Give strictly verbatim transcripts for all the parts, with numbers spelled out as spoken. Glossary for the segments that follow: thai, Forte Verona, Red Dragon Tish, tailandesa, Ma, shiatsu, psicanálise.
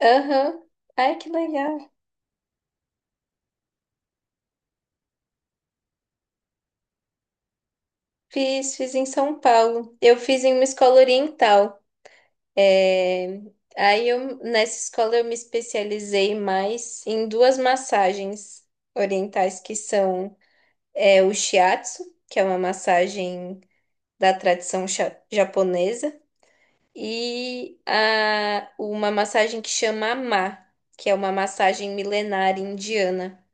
Aham. Ai, que legal. Fiz, fiz em São Paulo. Eu fiz em uma escola oriental. É, Aí eu, nessa escola eu me especializei mais em duas massagens orientais que são é, o shiatsu, que é uma massagem da tradição cha- japonesa, e a, uma massagem que chama Ma, que é uma massagem milenar indiana.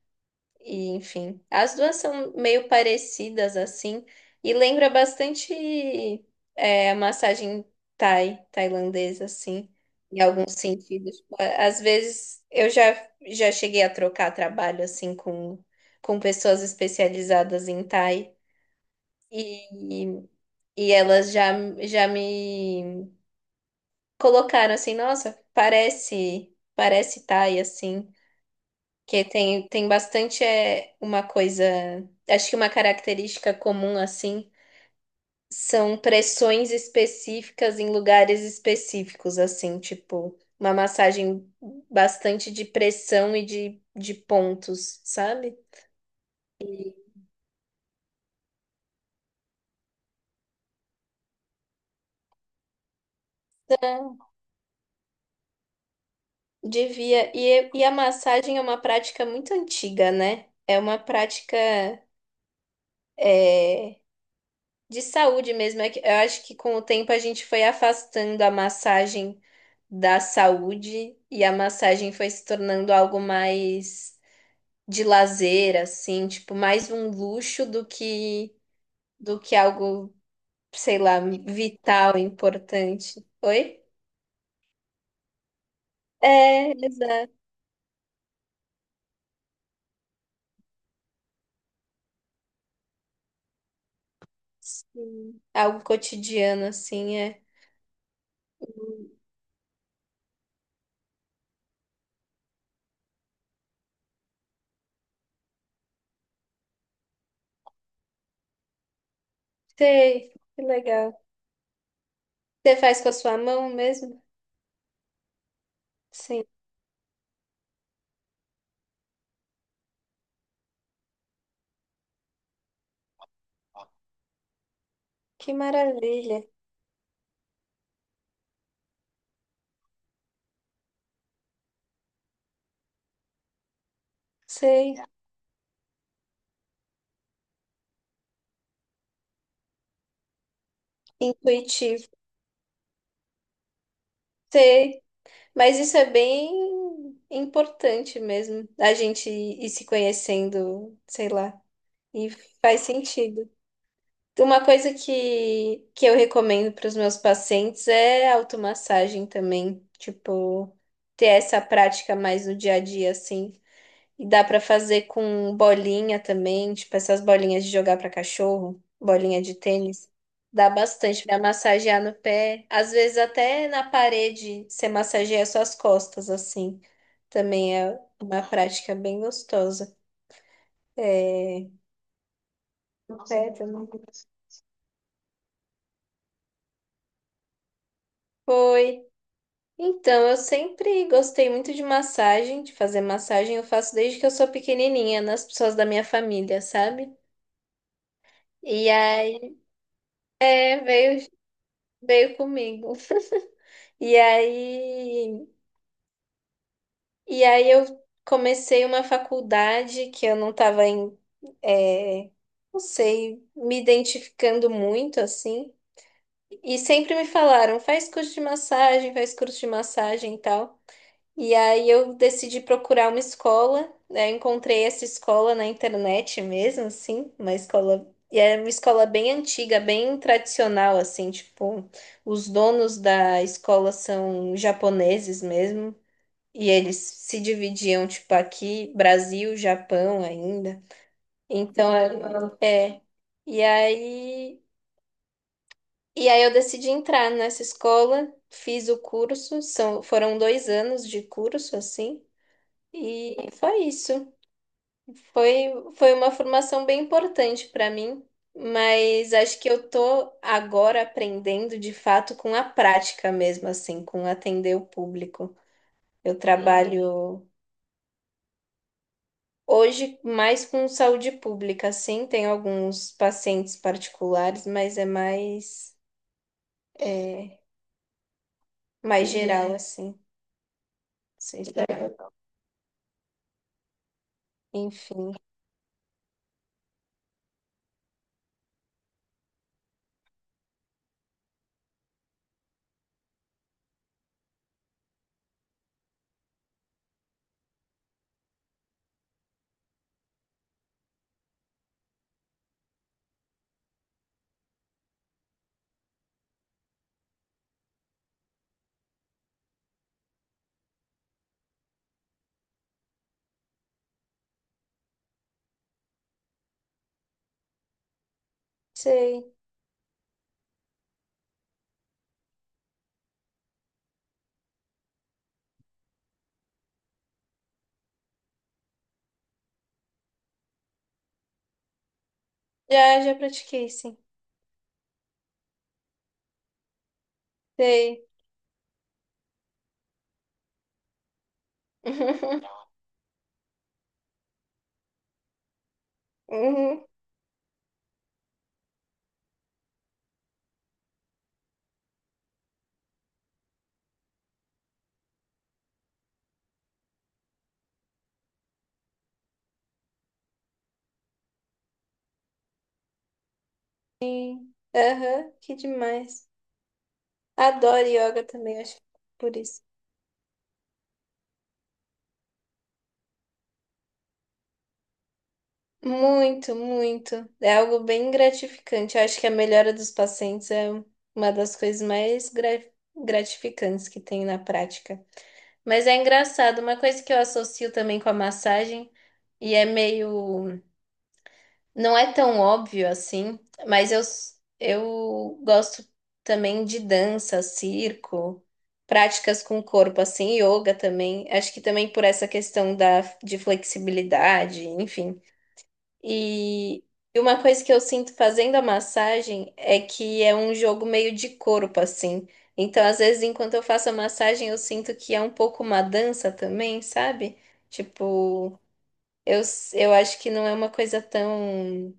E, enfim, as duas são meio parecidas assim e lembra bastante é, a massagem thai, tailandesa assim, em alguns sentidos. Tipo, a- às vezes eu já já cheguei a trocar trabalho assim com com pessoas especializadas em thai e e elas já já me colocaram assim, nossa, parece parece thai assim. Que tem, tem bastante, é, uma coisa. Acho que uma característica comum, assim, são pressões específicas em lugares específicos, assim, tipo, uma massagem bastante de pressão e de, de pontos, sabe? Então, devia. E, e a massagem é uma prática muito antiga, né? É uma prática, é, de saúde mesmo. É que eu acho que com o tempo a gente foi afastando a massagem da saúde e a massagem foi se tornando algo mais de lazer, assim, tipo, mais um luxo do que do que algo, sei lá, vital, importante. Oi? É, exato. Sim. Algo cotidiano, assim, é. Hum. Sei, que legal. Você faz com a sua mão mesmo? Sim, que maravilha. Sei, intuitivo. Sei, mas isso é bem importante mesmo, a gente ir se conhecendo, sei lá, e faz sentido. Uma coisa que, que eu recomendo para os meus pacientes é automassagem também, tipo, ter essa prática mais no dia a dia, assim. E dá pra fazer com bolinha também, tipo essas bolinhas de jogar pra cachorro, bolinha de tênis. Dá bastante pra massagear no pé. Às vezes até na parede você massageia suas costas assim. Também é uma prática bem gostosa. É, no pé também. Foi. Então, eu sempre gostei muito de massagem, de fazer massagem. Eu faço desde que eu sou pequenininha, nas pessoas da minha família, sabe? E aí, é, veio, veio comigo. E aí, e aí eu comecei uma faculdade que eu não estava em, é, não sei, me identificando muito assim. E sempre me falaram, faz curso de massagem, faz curso de massagem e tal. E aí eu decidi procurar uma escola, né? Eu encontrei essa escola na internet mesmo, assim, uma escola. E é uma escola bem antiga, bem tradicional, assim, tipo, os donos da escola são japoneses mesmo. E eles se dividiam, tipo, aqui, Brasil, Japão ainda. Então, é. É. E aí, e aí eu decidi entrar nessa escola, fiz o curso, são, foram dois anos de curso, assim, e foi isso. Foi, foi uma formação bem importante para mim, mas acho que eu tô agora aprendendo de fato com a prática mesmo, assim, com atender o público. Eu, uhum, trabalho. Hoje, mais com saúde pública, sim, tem alguns pacientes particulares, mas é mais, é, mais geral, assim. Sei lá. Enfim, sei. Já, já pratiquei, sim. Sei. Uhum, sim. Aham, que demais. Adoro yoga também, acho que por isso. Muito, muito. É algo bem gratificante. Eu acho que a melhora dos pacientes é uma das coisas mais gra- gratificantes que tem na prática. Mas é engraçado, uma coisa que eu associo também com a massagem, e é meio. Não é tão óbvio assim, mas eu, eu gosto também de dança, circo, práticas com o corpo, assim, yoga também. Acho que também por essa questão da, de flexibilidade, enfim. E e uma coisa que eu sinto fazendo a massagem é que é um jogo meio de corpo, assim. Então, às vezes, enquanto eu faço a massagem, eu sinto que é um pouco uma dança também, sabe? Tipo, eu, s- eu acho que não é uma coisa tão,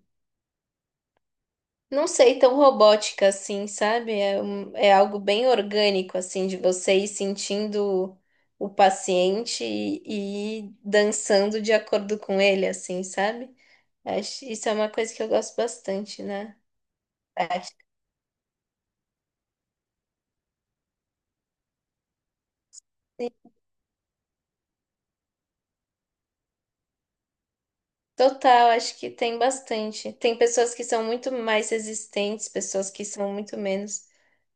não sei, tão robótica assim, sabe? É, um- é algo bem orgânico, assim, de você ir sentindo o paciente e, e ir dançando de acordo com ele, assim, sabe? Acho, isso é uma coisa que eu gosto bastante, né? Acho que sim. Total, acho que tem bastante. Tem pessoas que são muito mais resistentes, pessoas que são muito menos.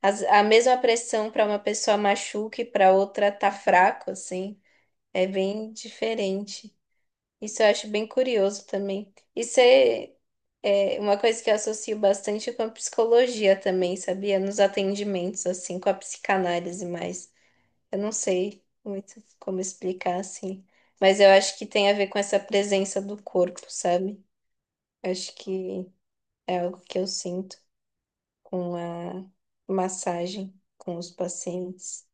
As- a mesma pressão para uma pessoa machuca e para outra tá fraco, assim. É bem diferente. Isso eu acho bem curioso também. Isso é, é uma coisa que eu associo bastante com a psicologia também, sabia? Nos atendimentos, assim, com a psicanálise mais. Eu não sei muito como explicar assim, mas eu acho que tem a ver com essa presença do corpo, sabe? Acho que é algo que eu sinto com a massagem com os pacientes.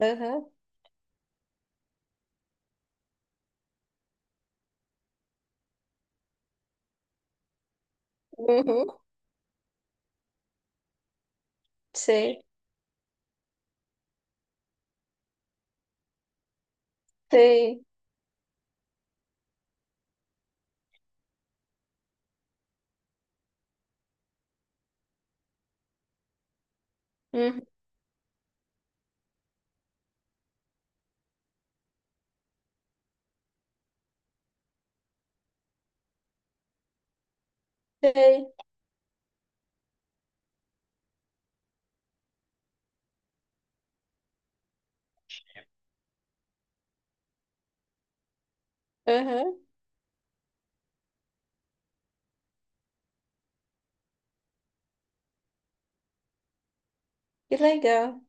Aham, uhum, sei, sei, uhum, sei, aham, que legal.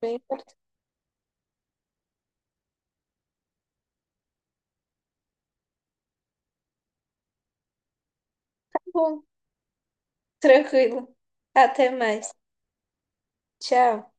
Bem, tá bom, tranquilo. Até mais. Tchau.